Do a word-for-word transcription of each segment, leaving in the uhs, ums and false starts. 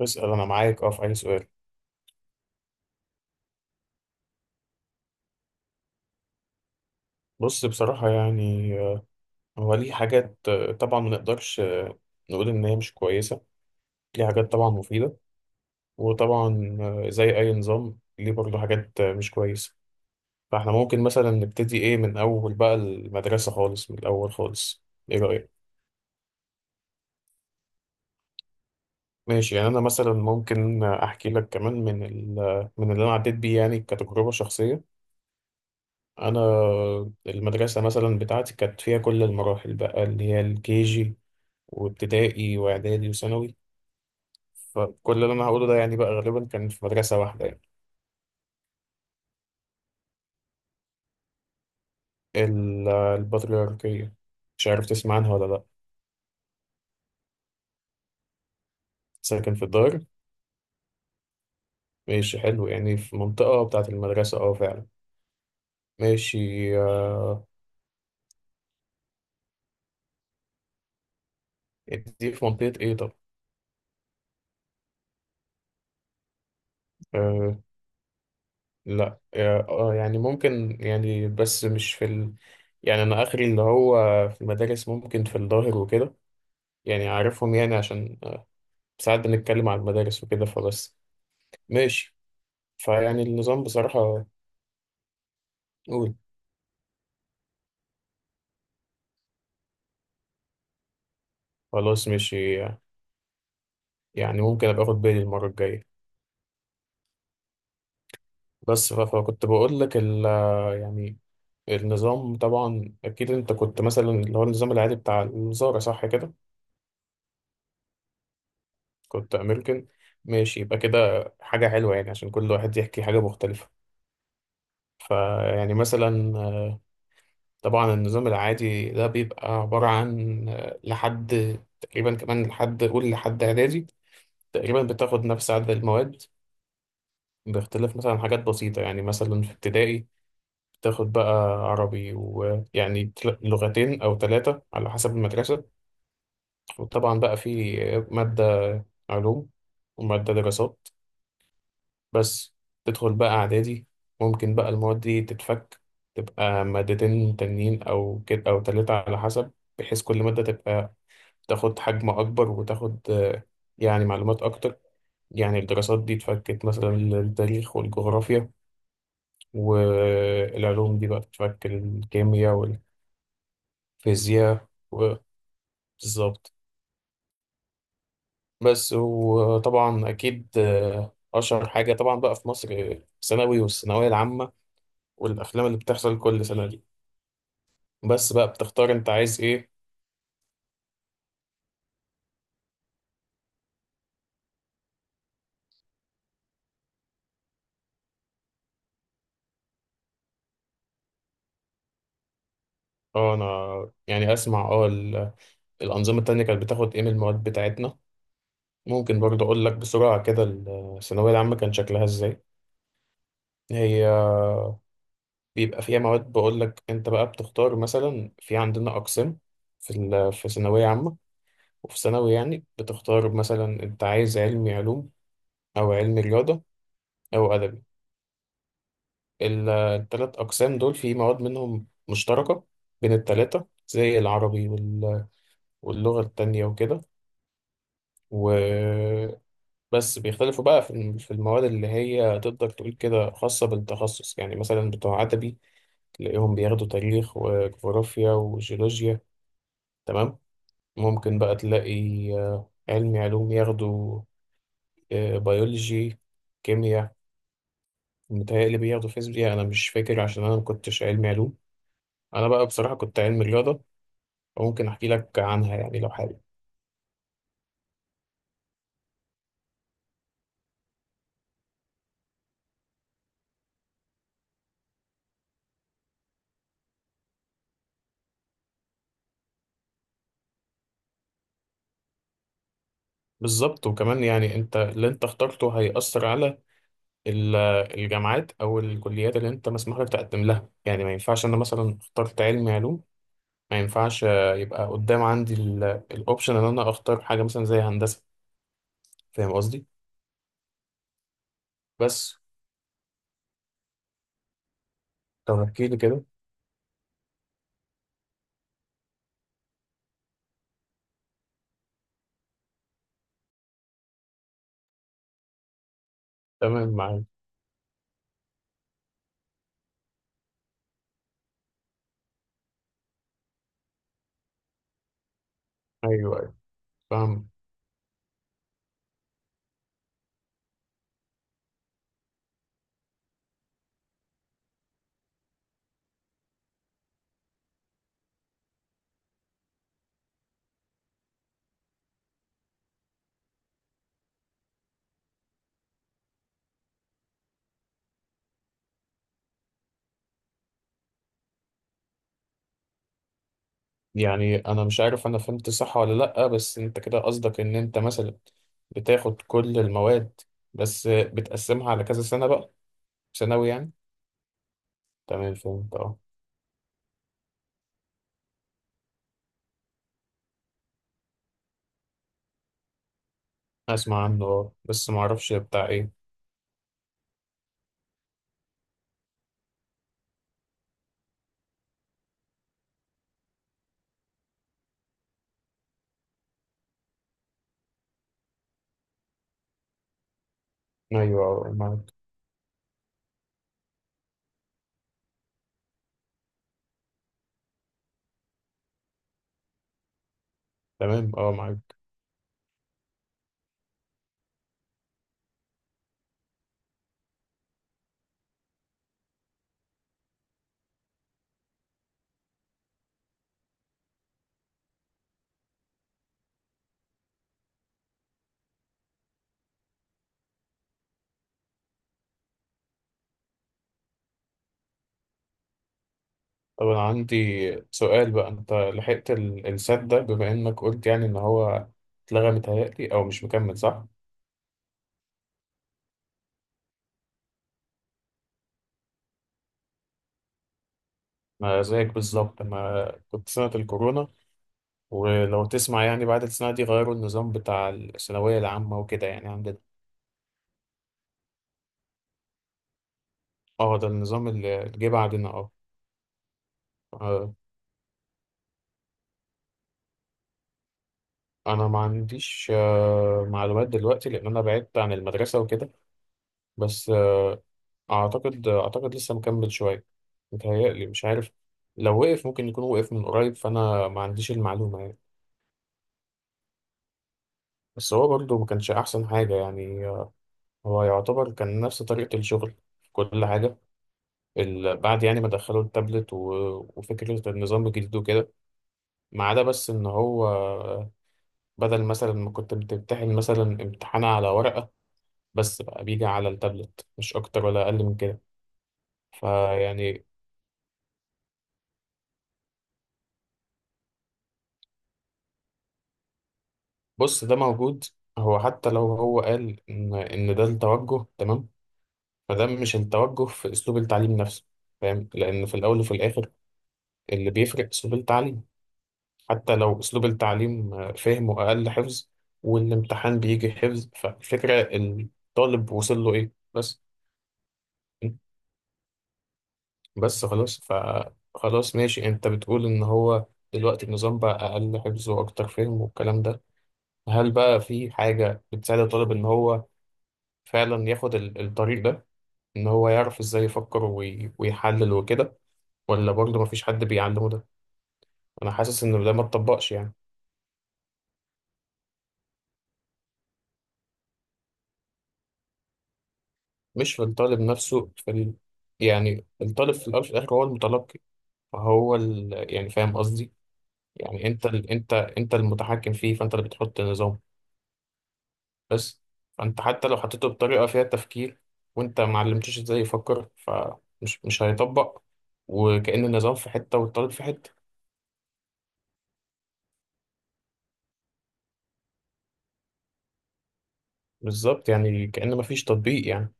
اسأل، أنا معاك أه في أي سؤال. بص، بصراحة يعني آه، هو ليه حاجات آه، طبعا ما نقدرش آه، نقول إن هي مش كويسة. ليه حاجات طبعا مفيدة. وطبعا آه، زي أي نظام ليه برضه حاجات آه، مش كويسة. فإحنا ممكن مثلا نبتدي إيه من أول بقى المدرسة خالص، من الأول خالص. إيه رأيك؟ ماشي، يعني أنا مثلا ممكن أحكي لك كمان من ال- من اللي أنا عديت بيه، يعني كتجربة شخصية. أنا، آه، المدرسة مثلا بتاعتي كانت فيها كل المراحل بقى، اللي هي الكي جي وابتدائي واعدادي وثانوي. فكل اللي انا هقوله ده يعني بقى غالبا كان في مدرسة واحدة يعني. ال- البطريركية. مش عارف تسمع عنها ولا لا. ساكن في الدار. ماشي، حلو يعني. في منطقة بتاعة المدرسة، اه فعلا. ماشي. آه. دي في منطقة ايه طب؟ آه. لا، اه، آه، يعني ممكن، يعني بس مش في ال... يعني انا اخري اللي هو. في المدارس ممكن، في الظاهر وكده. يعني عارفهم يعني، عشان آه، ساعات بنتكلم عن المدارس وكده فبس. ماشي. فيعني النظام بصراحة. قول. خلاص ماشي. يعني ممكن أبقى أخد بالي المرة الجاية. بس ف- فكنت بقول لك ال يعني، النظام طبعا أكيد، أنت كنت مثلا اللي هو النظام العادي بتاع الوزارة، صح كده؟ كنت أمريكان. ماشي يبقى كده. حاجة حلوة يعني، عشان كل واحد يحكي حاجة مختلفة. فيعني مثلا. طبعا النظام العادي ده بيبقى عبارة عن، لحد تقريبا كمان لحد، قول لحد إعدادي. تقريبا بتاخد نفس عدد المواد، باختلاف مثلا حاجات بسيطة، يعني مثلا في ابتدائي تاخد بقى عربي، ويعني تل- لغتين أو ثلاثة على حسب المدرسة. وطبعا بقى في مادة علوم ومادة دراسات. بس تدخل بقى إعدادي، ممكن بقى المواد دي تتفك، تبقى مادتين تانيين أو كده، أو تلاتة على حسب. بحيث كل مادة تبقى تاخد حجم أكبر، وتاخد آه، يعني معلومات أكتر. يعني الدراسات دي اتفكت مثلا للتاريخ والجغرافيا، والعلوم دي بقى بتشكل الكيمياء والفيزياء و- بالظبط. بس، وطبعا أكيد آه، أشهر حاجة طبعا بقى في مصر، ثانوي والثانوية العامة، والأفلام اللي بتحصل كل سنة دي. بس بقى بتختار أنت عايز إيه. اه، أنا يعني أسمع اه ال- الأنظمة التانية كانت بتاخد إيه من المواد بتاعتنا. ممكن برضه أقول لك بسرعة كده، الثانوية العامة كان شكلها إزاي. هي بيبقى فيها مواد، بقول لك انت بقى بتختار مثلا، في عندنا اقسام في ال- في ثانويه عامه. وفي ثانوي يعني بتختار مثلا انت عايز علمي علوم، او علمي رياضه، او ادبي. الثلاث اقسام دول في مواد منهم مشتركه بين الثلاثه، زي العربي وال- واللغه التانية وكده. وبس، بيختلفوا بقى في الم- في المواد اللي هي تقدر تقول كده خاصه بالتخصص، يعني مثلا بتوع ادبي تلاقيهم بياخدوا تاريخ وجغرافيا وجيولوجيا، تمام. ممكن بقى تلاقي آه، علمي علوم ياخدوا آه، بيولوجي، كيمياء. متهيألي بياخدوا فيزياء، أنا مش فاكر عشان أنا مكنتش علمي علوم. أنا بقى بصراحة كنت علمي رياضة، وممكن أحكي لك عنها يعني لو حابب. بالظبط، وكمان يعني أنت اللي أنت اخترته هيأثر على ال- الجامعات أو الكليات اللي أنت مسموح لك تقدم لها. يعني ما ينفعش أنا مثلا اخترت علمي علوم، ما ينفعش آه، يبقى قدام عندي الأوبشن إن أنا أختار حاجة مثلا زي هندسة. فاهم قصدي؟ بس طب احكي لي كده. تمام معاك. ايوه، ايوه، فاهم. يعني انا مش عارف انا فهمت صح ولا لا، بس انت كده قصدك ان انت مثلا بتاخد كل المواد، بس بتقسمها على كذا سنه بقى، ثانوي يعني. تمام فهمت اه. اسمع عنه اه، بس ما اعرفش بتاع ايه. ايوه، آه، معاك. تمام اه معاك. طب انا عندي سؤال بقى. انت لحقت ال- السات ده، بما انك قلت يعني ان هو اتلغى متهيألي او مش مكمل، صح؟ ما زيك بالظبط، ما كنت سنة الكورونا. ولو تسمع يعني، بعد السنة دي غيروا النظام بتاع الثانوية العامة وكده، يعني عندنا. اه، ده النظام اللي جه بعدنا اه. آه. انا ما عنديش آه، معلومات دلوقتي، لان انا بعدت عن المدرسة وكده. بس، آه، اعتقد اعتقد لسه مكمل شوية، متهيألي، مش عارف. لو وقف ممكن يكون وقف من قريب، فانا ما عنديش المعلومة يعني. بس هو برضه ما كانش احسن حاجة يعني، آه، هو يعتبر كان نفس طريقة الشغل في كل حاجة ال- بعد يعني ما دخلوا التابلت و- وفكرة النظام الجديد وكده، ما عدا بس ان هو بدل مثلا ما كنت بتمتحن مثلا امتحان على ورقة، بس بقى بيجي على التابلت، مش اكتر ولا اقل من كده. فيعني، بص، ده موجود. هو حتى لو هو قال ان ان ده التوجه، تمام، فده مش التوجه في اسلوب التعليم نفسه. فاهم، لان في الاول وفي الاخر، اللي بيفرق اسلوب التعليم، حتى لو اسلوب التعليم فهمه اقل حفظ والامتحان بيجي حفظ، فالفكرة الطالب وصل له ايه بس. بس خلاص. ف خلاص ماشي، انت بتقول ان هو دلوقتي النظام بقى اقل حفظ واكتر فهم والكلام ده، هل بقى في حاجة بتساعد الطالب ان هو فعلا ياخد ال- الطريق ده، ان هو يعرف ازاي يفكر وي- ويحلل وكده؟ ولا برضه مفيش حد بيعلمه ده؟ انا حاسس ان ده ما اتطبقش يعني. مش في الطالب نفسه، في ال... يعني الطالب في الاول وفي الاخر هو المتلقي، فهو ال... يعني، فاهم قصدي. يعني انت ال... انت انت المتحكم فيه، فانت اللي بتحط النظام. بس فانت حتى لو حطيته بطريقة فيها تفكير وانت ما علمتوش ازاي يفكر، فمش مش هيطبق، وكأن النظام في حتة والطالب في حتة. بالظبط، يعني كأن مفيش تطبيق يعني.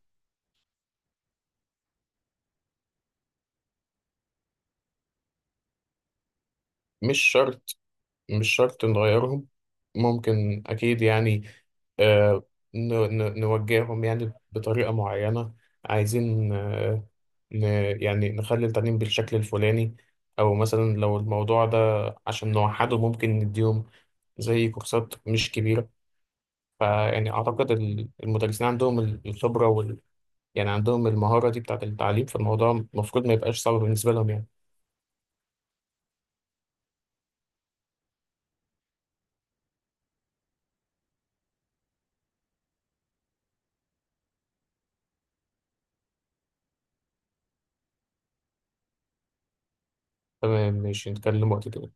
مش شرط، مش شرط نغيرهم، ممكن أكيد يعني آه، ن- ن- نوجههم يعني بطريقة معينة. عايزين آه، ن- يعني نخلي التعليم بالشكل الفلاني. أو مثلا لو الموضوع ده عشان نوحده، ممكن نديهم زي كورسات مش كبيرة. فيعني أعتقد ال- المدرسين عندهم ال- الخبرة وال يعني عندهم المهارة دي بتاعة التعليم، فالموضوع المفروض ما يبقاش صعب بالنسبة لهم يعني. تمام ماشي، نتكلم وقت تاني.